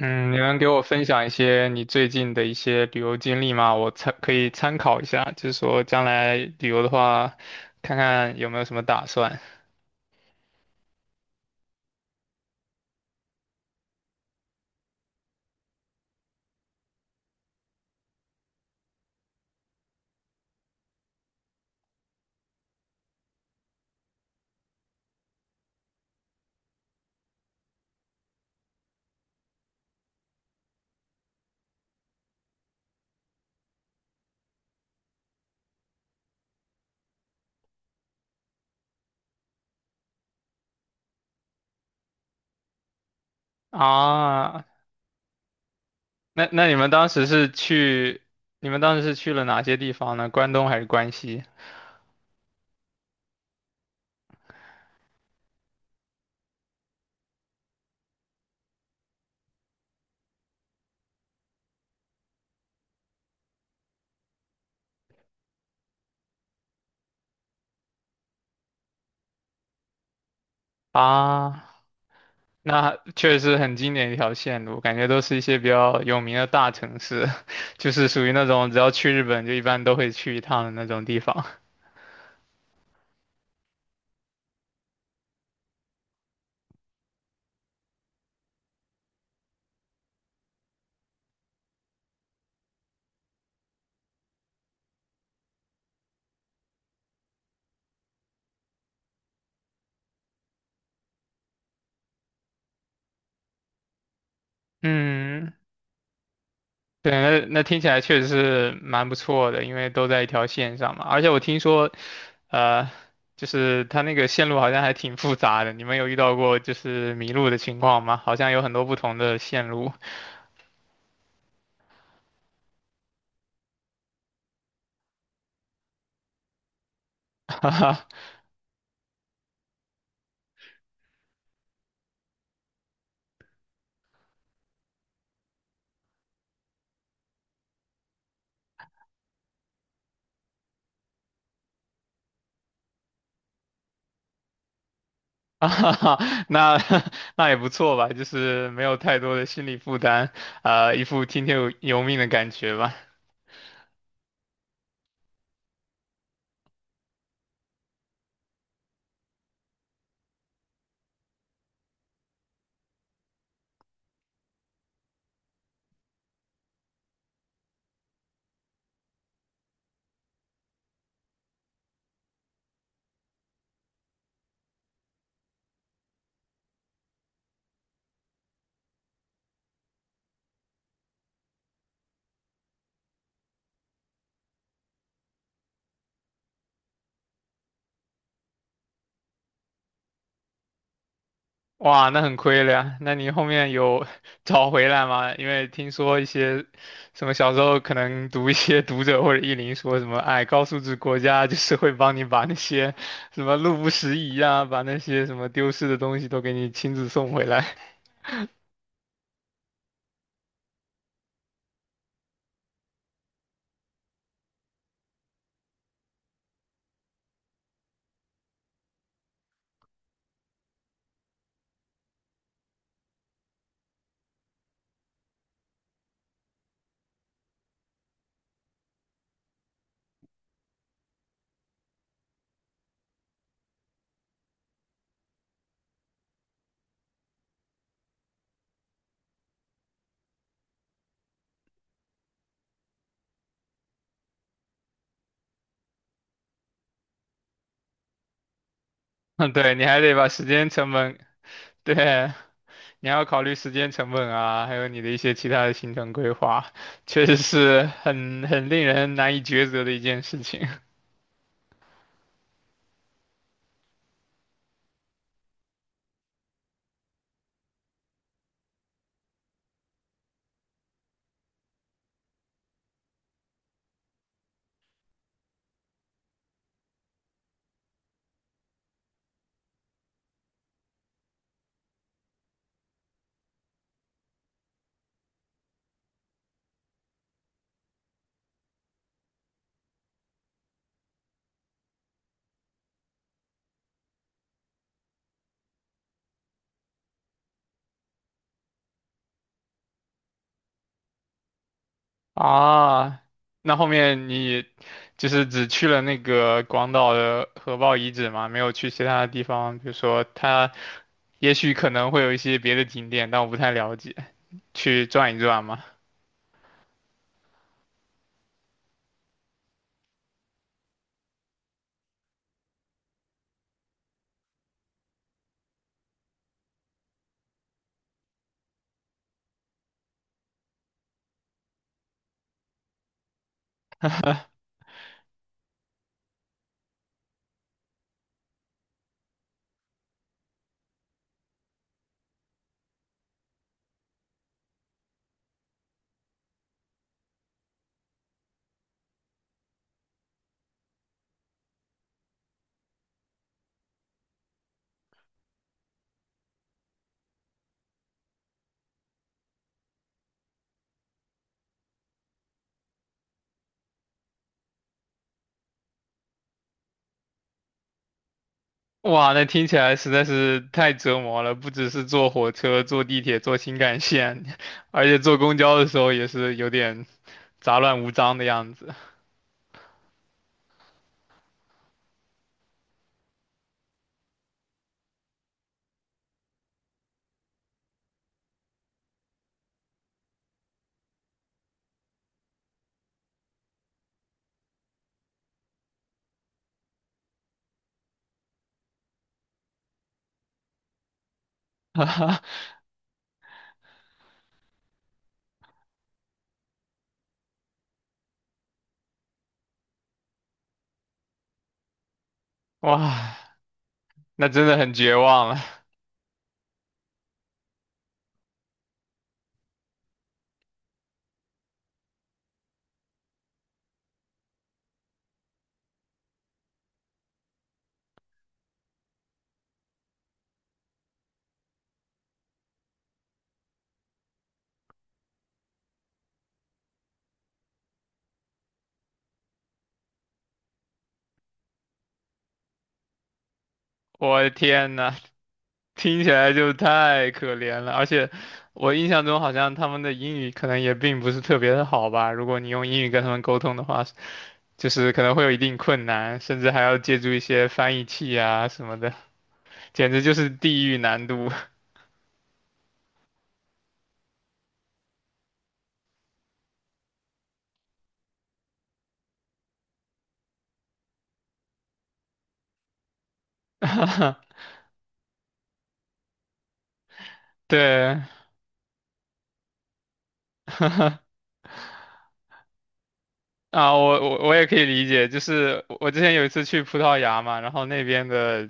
嗯，你能给我分享一些你最近的一些旅游经历吗？可以参考一下，就是说将来旅游的话，看看有没有什么打算啊？那你们当时是去，你们当时是去了哪些地方呢？关东还是关西啊？那确实很经典一条线路，感觉都是一些比较有名的大城市，就是属于那种只要去日本就一般都会去一趟的那种地方。嗯。对，那听起来确实是蛮不错的，因为都在一条线上嘛。而且我听说，呃，就是它那个线路好像还挺复杂的。你们有遇到过就是迷路的情况吗？好像有很多不同的线路。哈哈，那 那也不错吧，就是没有太多的心理负担，一副听天由命的感觉吧。哇，那很亏了呀。那你后面有 找回来吗？因为听说一些什么小时候可能读一些 读者或者译林说什么，哎，高素质国家 就是会帮你把那些什么路不拾遗啊，把那些什么丢失的东西都给你亲自送回来。嗯，对，你还得把时间成本，对，你还要考虑时间成本啊，还有你的一些其他的行程规划，确实是很令人难以抉择的一件事情。啊，那后面你就是只去了那个广岛的核爆遗址吗？没有去其他的地方，比如说它也许可能会有一些别的景点，但我不太了解，去转一转吗？哇，那听起来实在是太折磨了，不只是坐火车、坐地铁、坐新干线，而且坐公交的时候也是有点杂乱无章的样子。哇，那真的很绝望了，我的天呐！听起来就太可怜了，而且我印象中好像他们的英语可能也并不是特别的好吧。如果你用英语跟他们沟通的话，就是可能会有一定困难，甚至还要借助一些翻译器啊什么的，简直就是地狱难度。对，啊，我也可以理解，就是我之前有一次去葡萄牙嘛，然后那边的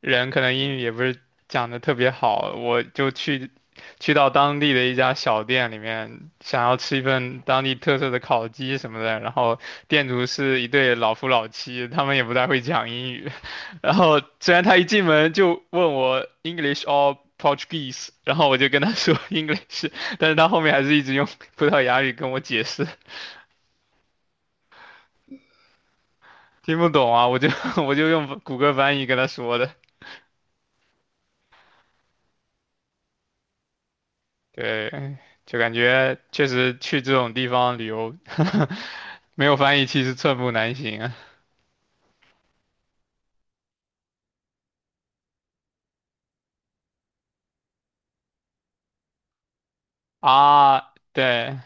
人可能英语也不是讲的特别好，我就去到当地的一家小店里面，想要吃一份当地特色的烤鸡什么的，然后店主是一对老夫老妻，他们也不太会讲英语，然后虽然他一进门就问我 English or Portuguese,然后我就跟他说 English,但是他后面还是一直用葡萄牙语跟我解释。听不懂啊，我就 我就用谷歌翻译跟他说的。对，就感觉确实去这种地方旅游，没有翻译器是寸步难行啊。啊，对，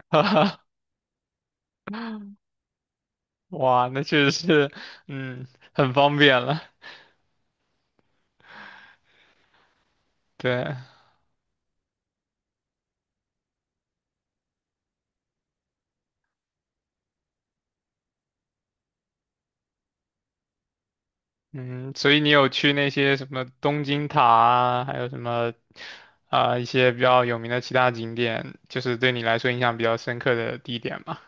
哇，那确实是，嗯，很方便了。对，嗯，所以你有去那些什么东京塔啊，还有什么啊、一些比较有名的其他景点，就是对你来说印象比较深刻的地点吗？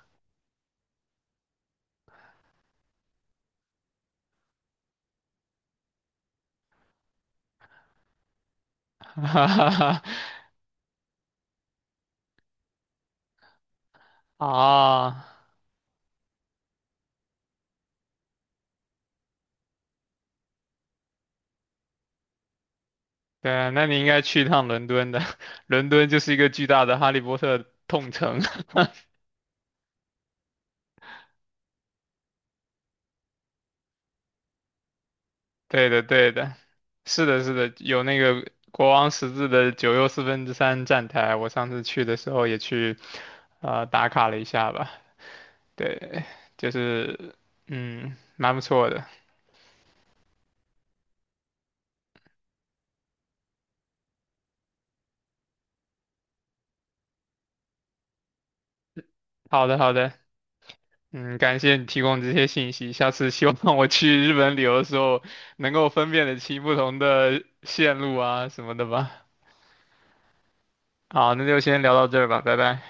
啊。对啊，那你应该去一趟伦敦的，伦敦就是一个巨大的哈利波特痛城。对的，对的，是的，是的，有那个国王十字的九又四分之三站台，我上次去的时候也去，打卡了一下吧。对，就是，嗯，蛮不错的。好的，好的，嗯，感谢你提供这些信息，下次希望我去日本旅游的时候能够分辨的清不同的线路啊什么的吧。好，那就先聊到这儿吧，拜拜。